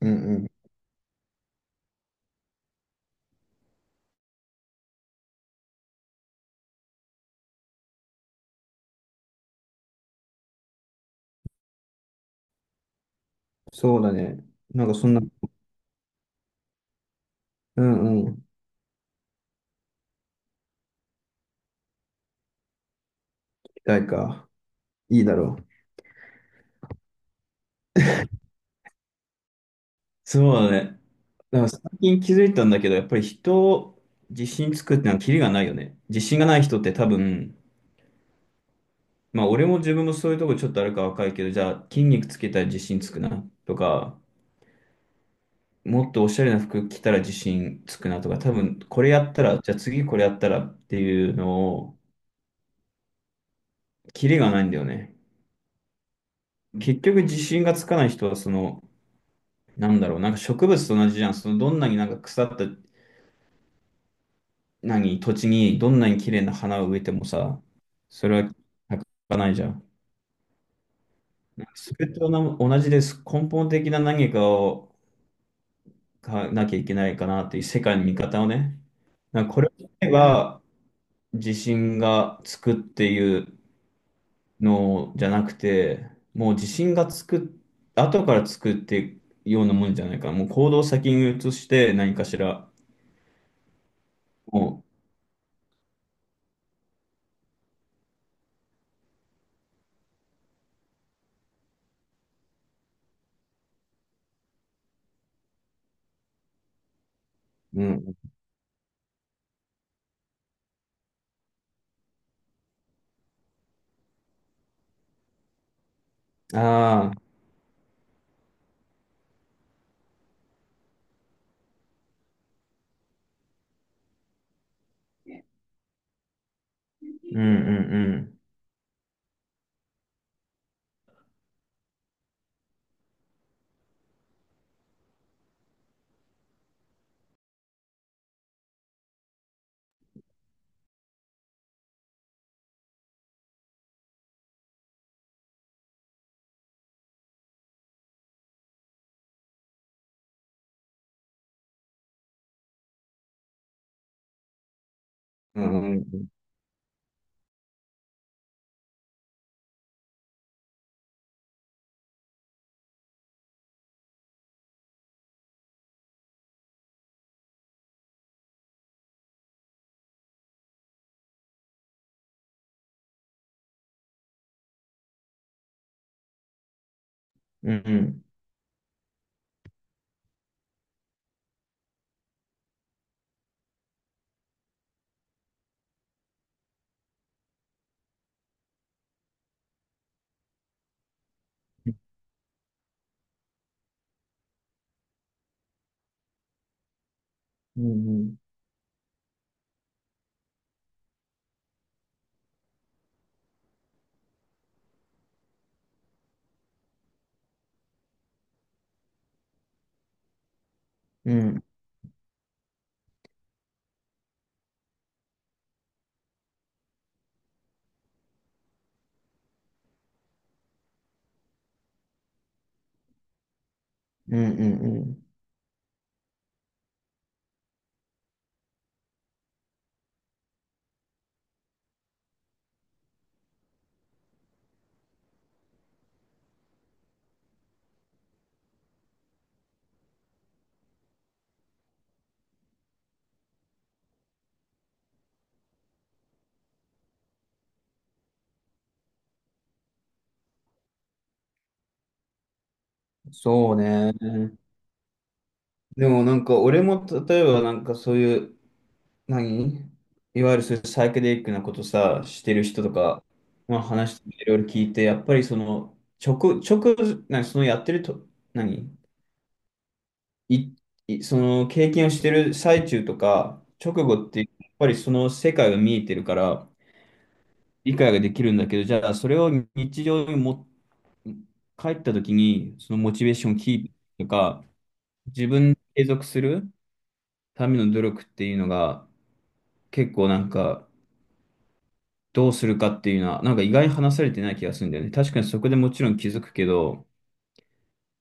うんうん。そうだね。なんかそんな、うんうん。期待か。いいだろう。そうだね。だから最近気づいたんだけど、やっぱり人を自信つくってのはキリがないよね。自信がない人って多分、まあ俺も自分もそういうとこちょっとあるか若いけど、じゃあ筋肉つけたら自信つくなとか、もっとおしゃれな服着たら自信つくなとか、多分これやったら、じゃあ次これやったらっていうのを、キリがないんだよね。結局自信がつかない人はそのなんだろう、なんか植物と同じじゃん。そのどんなになんか腐った何土地にどんなに綺麗な花を植えてもさ、それは咲かないじゃん。なんかそれとな同じです。根本的な何かをかなきゃいけないかなっていう世界の見方をね。なんかこれを言えば地震がつくっていうのじゃなくて、もう地震がつく、後からつくっていうようなもんじゃないかな。もう行動を先に移して何かしら、もう、うん、ああ、うんうんううんん。うんうんうんうんうんうんうんうんそうね。でもなんか俺も例えばなんかそういう何いわゆるそういうサイケデリックなことさしてる人とか、まあ、話していろいろ聞いてやっぱりその直、直何そのやってると何いいその経験をしてる最中とか直後ってやっぱりその世界が見えてるから理解ができるんだけど、じゃあそれを日常に持って帰った時に、そのモチベーションをキープとか、自分で継続するための努力っていうのが、結構なんか、どうするかっていうのは、なんか意外に話されてない気がするんだよね。確かにそこでもちろん気づくけど、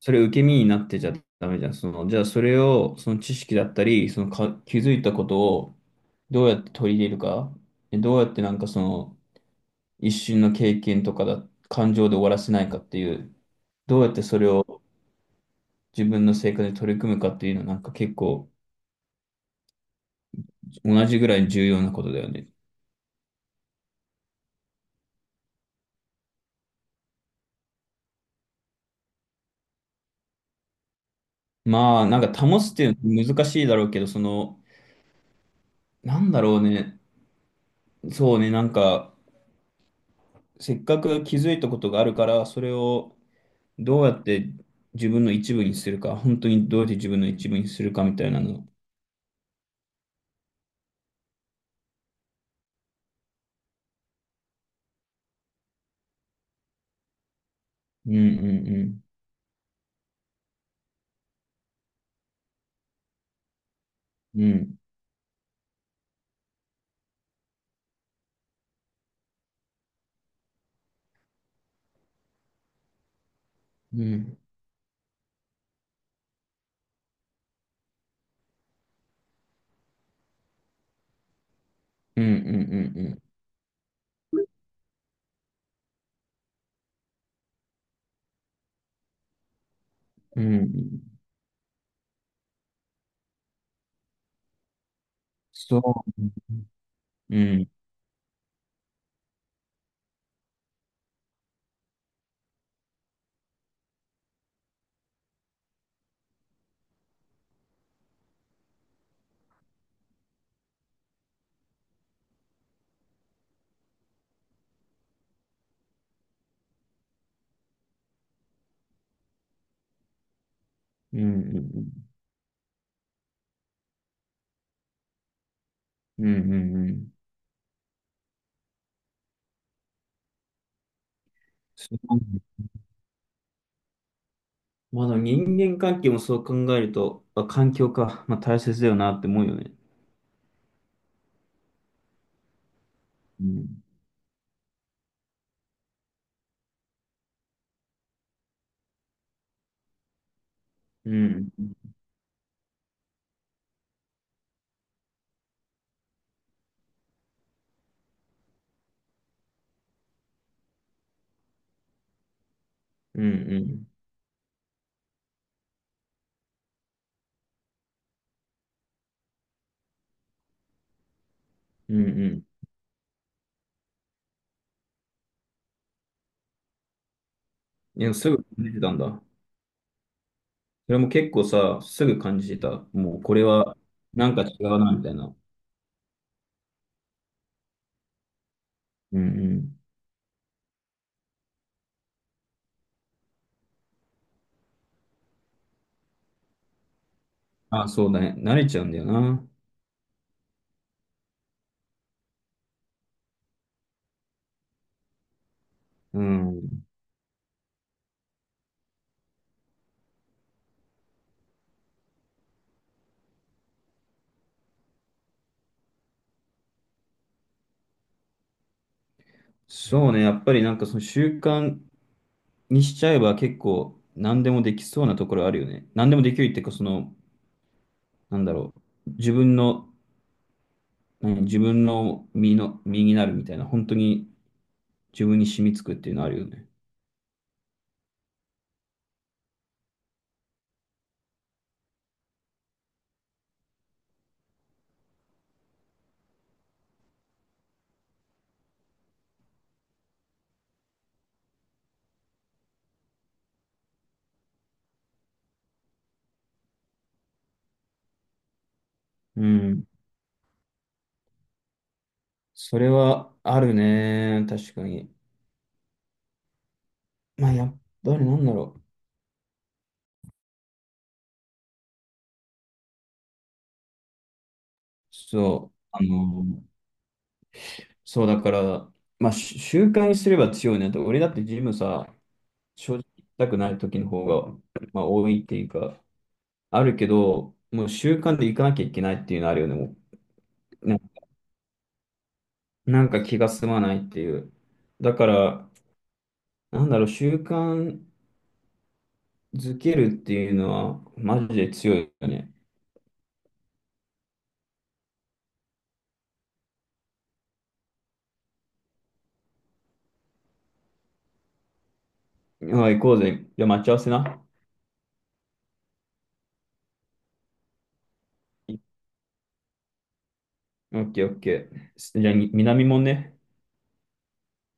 それ受け身になってちゃダメじゃん。その、じゃあそれを、その知識だったり、そのか、気づいたことをどうやって取り入れるか、でどうやってなんかその、一瞬の経験とか感情で終わらせないかっていう、どうやってそれを自分の生活で取り組むかっていうのは、なんか結構、同じぐらい重要なことだよね。まあ、なんか保つっていうのは難しいだろうけど、その、なんだろうね。そうね、なんか、せっかく気づいたことがあるから、それをどうやって自分の一部にするか、本当にどうやって自分の一部にするかみたいなの。うんうんうん。うんうんうんうんうんうん。うんそう。うんうんうんうん。うんうんうん。まだ人間関係もそう考えると、あ、環境か。まあ大切だよなって思うよね。うん。うん。うん。うん。うん。いや、すぐ感じてたんだ。それも結構さ、すぐ感じてた。もうこれはなんか違うな、みたいな。うんうん。あ、そうだね。慣れちゃうんだよな。うん。そうね。やっぱりなんかその習慣にしちゃえば結構何でもできそうなところあるよね。何でもできるっていうか、その、なんだろう。自分のうん自分の身になるみたいな、本当に自分に染みつくっていうのあるよね。うん。それはあるね。確かに。まあ、やっぱりなんだろう。そう。あの、そうだから、まあ、習慣にすれば強いね。だって俺だってジムさ、正直行きたくない時の方が、まあ、多いっていうか、あるけど、もう習慣で行かなきゃいけないっていうのあるよね。もうな、なんか気が済まないっていう。だから、なんだろう、習慣、ズケるっていうのは、マジで強いよね。はい、行こうぜ。じゃあ、待ち合わせな。オッケー、オッケー。じゃあ、南もんね。